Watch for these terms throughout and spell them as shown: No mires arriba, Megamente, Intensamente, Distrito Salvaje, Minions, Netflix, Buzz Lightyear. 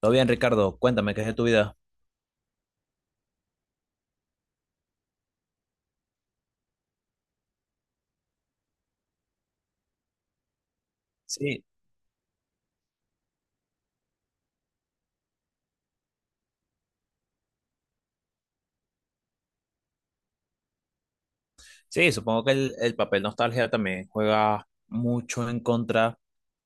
Todo bien, Ricardo, cuéntame qué es de tu vida. Sí, sí, supongo que el papel nostalgia también juega mucho en contra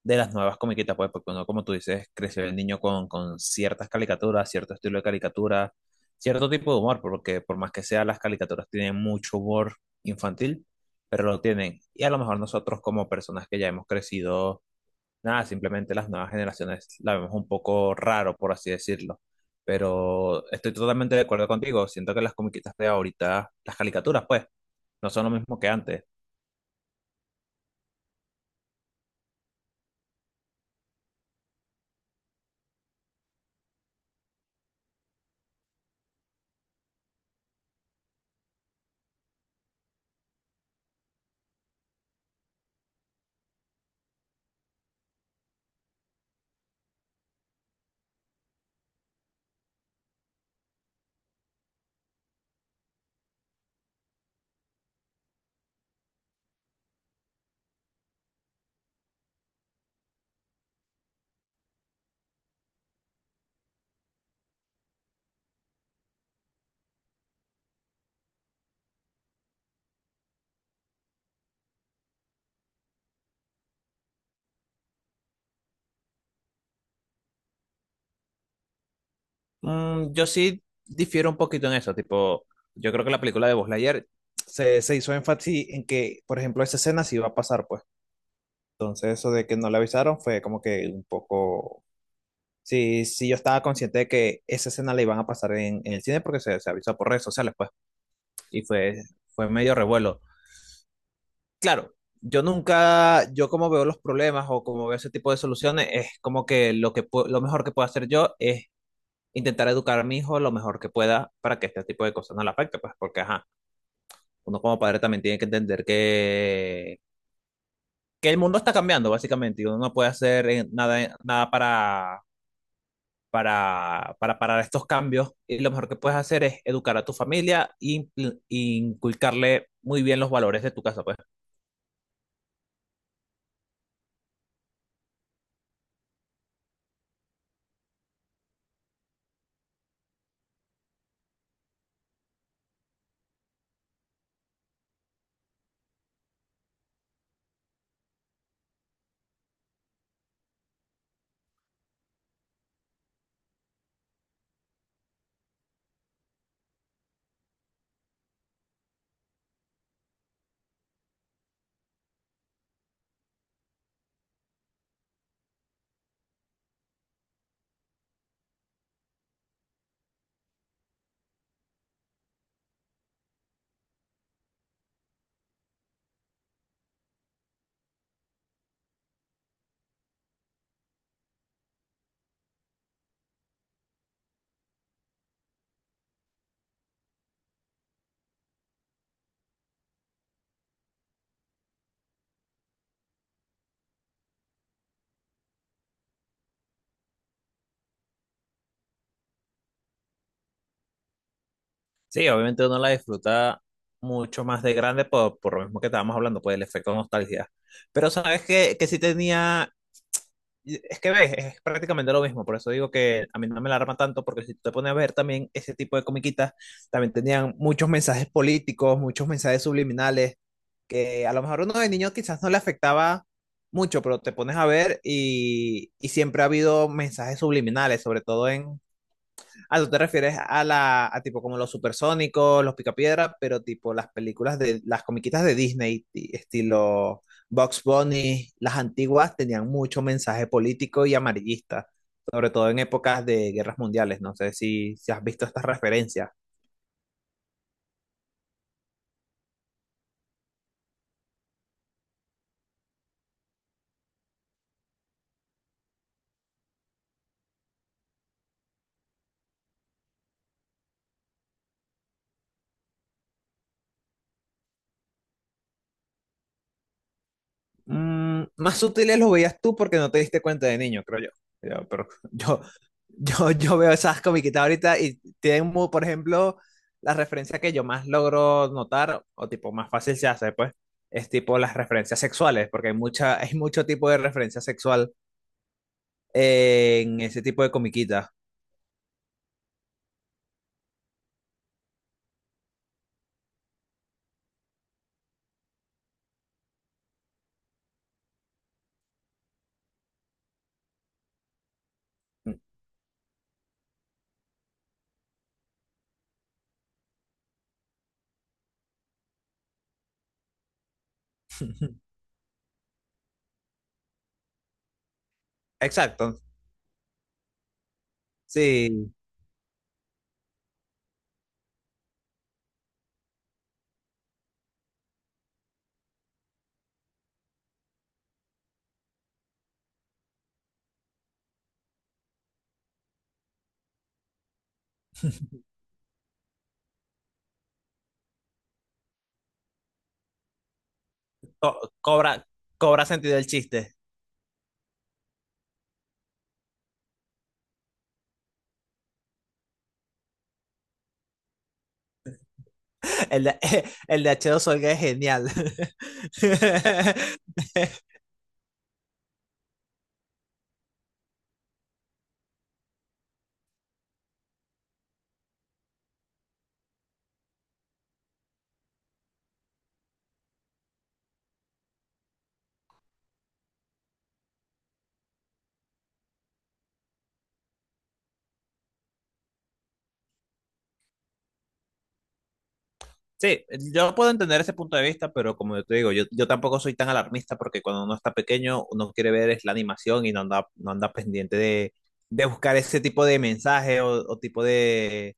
de las nuevas comiquitas, pues, porque uno, como tú dices, creció el niño con ciertas caricaturas, cierto estilo de caricatura, cierto tipo de humor, porque por más que sea, las caricaturas tienen mucho humor infantil, pero lo tienen. Y a lo mejor nosotros, como personas que ya hemos crecido. Nada, simplemente las nuevas generaciones la vemos un poco raro, por así decirlo. Pero estoy totalmente de acuerdo contigo. Siento que las comiquitas de ahorita, las caricaturas, pues, no son lo mismo que antes. Mm, yo sí difiero un poquito en eso. Tipo, yo creo que la película de Buzz Lightyear se hizo énfasis en que, por ejemplo, esa escena sí iba a pasar, pues. Entonces, eso de que no le avisaron fue como que un poco. Sí, sí, yo estaba consciente de que esa escena la iban a pasar en el cine porque se avisó por redes sociales, pues. Y fue medio revuelo. Yo nunca, yo, como veo los problemas o como veo ese tipo de soluciones, es como que lo que lo mejor que puedo hacer yo es intentar educar a mi hijo lo mejor que pueda para que este tipo de cosas no le afecte, pues, porque ajá, uno como padre también tiene que entender que el mundo está cambiando básicamente y uno no puede hacer nada, nada para, para parar estos cambios, y lo mejor que puedes hacer es educar a tu familia e e inculcarle muy bien los valores de tu casa, pues. Sí, obviamente uno la disfruta mucho más de grande por lo mismo que estábamos hablando, pues el efecto nostalgia. Pero sabes que sí tenía, es que ves, es prácticamente lo mismo, por eso digo que a mí no me alarma tanto, porque si tú te pones a ver también ese tipo de comiquitas, también tenían muchos mensajes políticos, muchos mensajes subliminales, que a lo mejor uno de niño quizás no le afectaba mucho, pero te pones a ver y siempre ha habido mensajes subliminales, sobre todo en... Ah, tú te refieres a la, a tipo como los supersónicos, los picapiedra, pero tipo las películas de, las comiquitas de Disney, estilo Bugs Bunny, las antiguas tenían mucho mensaje político y amarillista, sobre todo en épocas de guerras mundiales. No sé si has visto estas referencias. Mm, más sutiles los veías tú porque no te diste cuenta de niño, creo yo. Yo, pero yo, yo veo esas comiquitas ahorita y tienen, por ejemplo, la referencia que yo más logro notar, o tipo más fácil se hace, pues, es tipo las referencias sexuales, porque hay mucha, hay mucho tipo de referencia sexual en ese tipo de comiquitas. Exacto, sí, cobra, cobra sentido el chiste. El de, el de H2O es genial. Sí, yo puedo entender ese punto de vista, pero como yo te digo, yo tampoco soy tan alarmista porque cuando uno está pequeño, uno quiere ver es la animación y no anda, no anda pendiente de buscar ese tipo de mensaje o tipo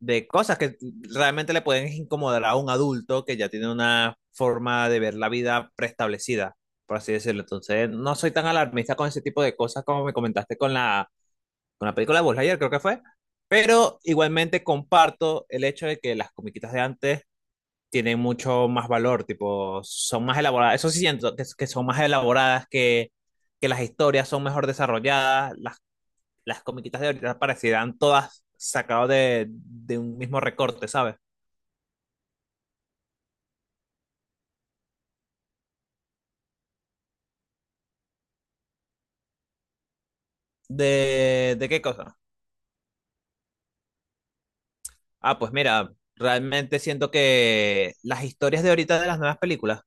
de cosas que realmente le pueden incomodar a un adulto que ya tiene una forma de ver la vida preestablecida, por así decirlo. Entonces, no soy tan alarmista con ese tipo de cosas como me comentaste con la película de Buzz Lightyear, creo que fue. Pero igualmente comparto el hecho de que las comiquitas de antes tienen mucho más valor, tipo, son más elaboradas. Eso sí siento que son más elaboradas, que las historias son mejor desarrolladas, las comiquitas de ahorita parecieran todas sacadas de un mismo recorte, ¿sabes? De qué cosa? Ah, pues mira, realmente siento que las historias de ahorita de las nuevas películas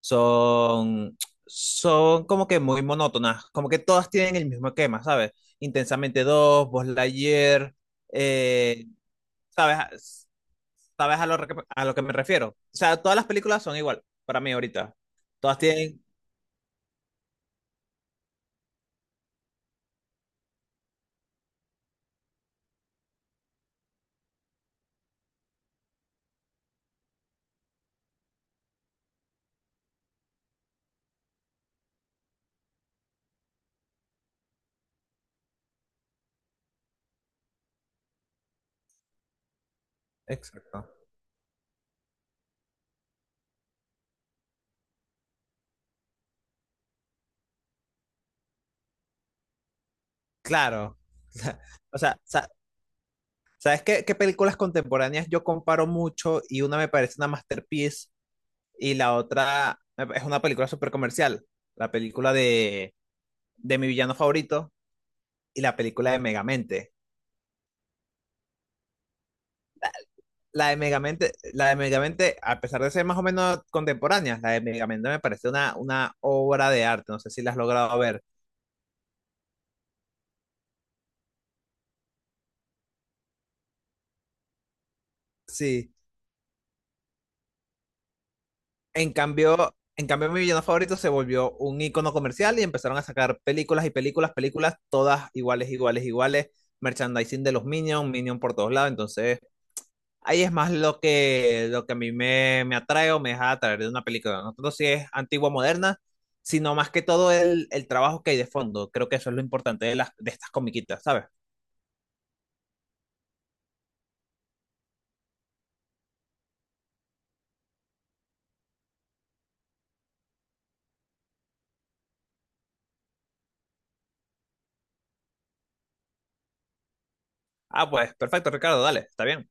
son, son como que muy monótonas, como que todas tienen el mismo esquema, ¿sabes? Intensamente dos, Buzz Lightyear, eh, ¿sabes? ¿Sabes a lo, a lo que me refiero? O sea, todas las películas son igual para mí ahorita. Todas tienen... Exacto. Claro. O sea, ¿sabes qué, qué películas contemporáneas yo comparo mucho y una me parece una masterpiece y la otra es una película súper comercial? La película de Mi Villano Favorito y la película de Megamente. La de Megamente, la de Megamente, a pesar de ser más o menos contemporáneas, la de Megamente me parece una obra de arte. No sé si la has logrado ver. Sí. En cambio, Mi Villano Favorito se volvió un icono comercial y empezaron a sacar películas y películas, películas, todas iguales, iguales, iguales. Merchandising de los Minions, Minion por todos lados. Entonces, ahí es más lo que a mí me, me atrae o me deja atraer de una película. No tanto si es antigua o moderna, sino más que todo el trabajo que hay de fondo. Creo que eso es lo importante de, las, de estas comiquitas, ¿sabes? Ah, pues perfecto, Ricardo, dale, está bien.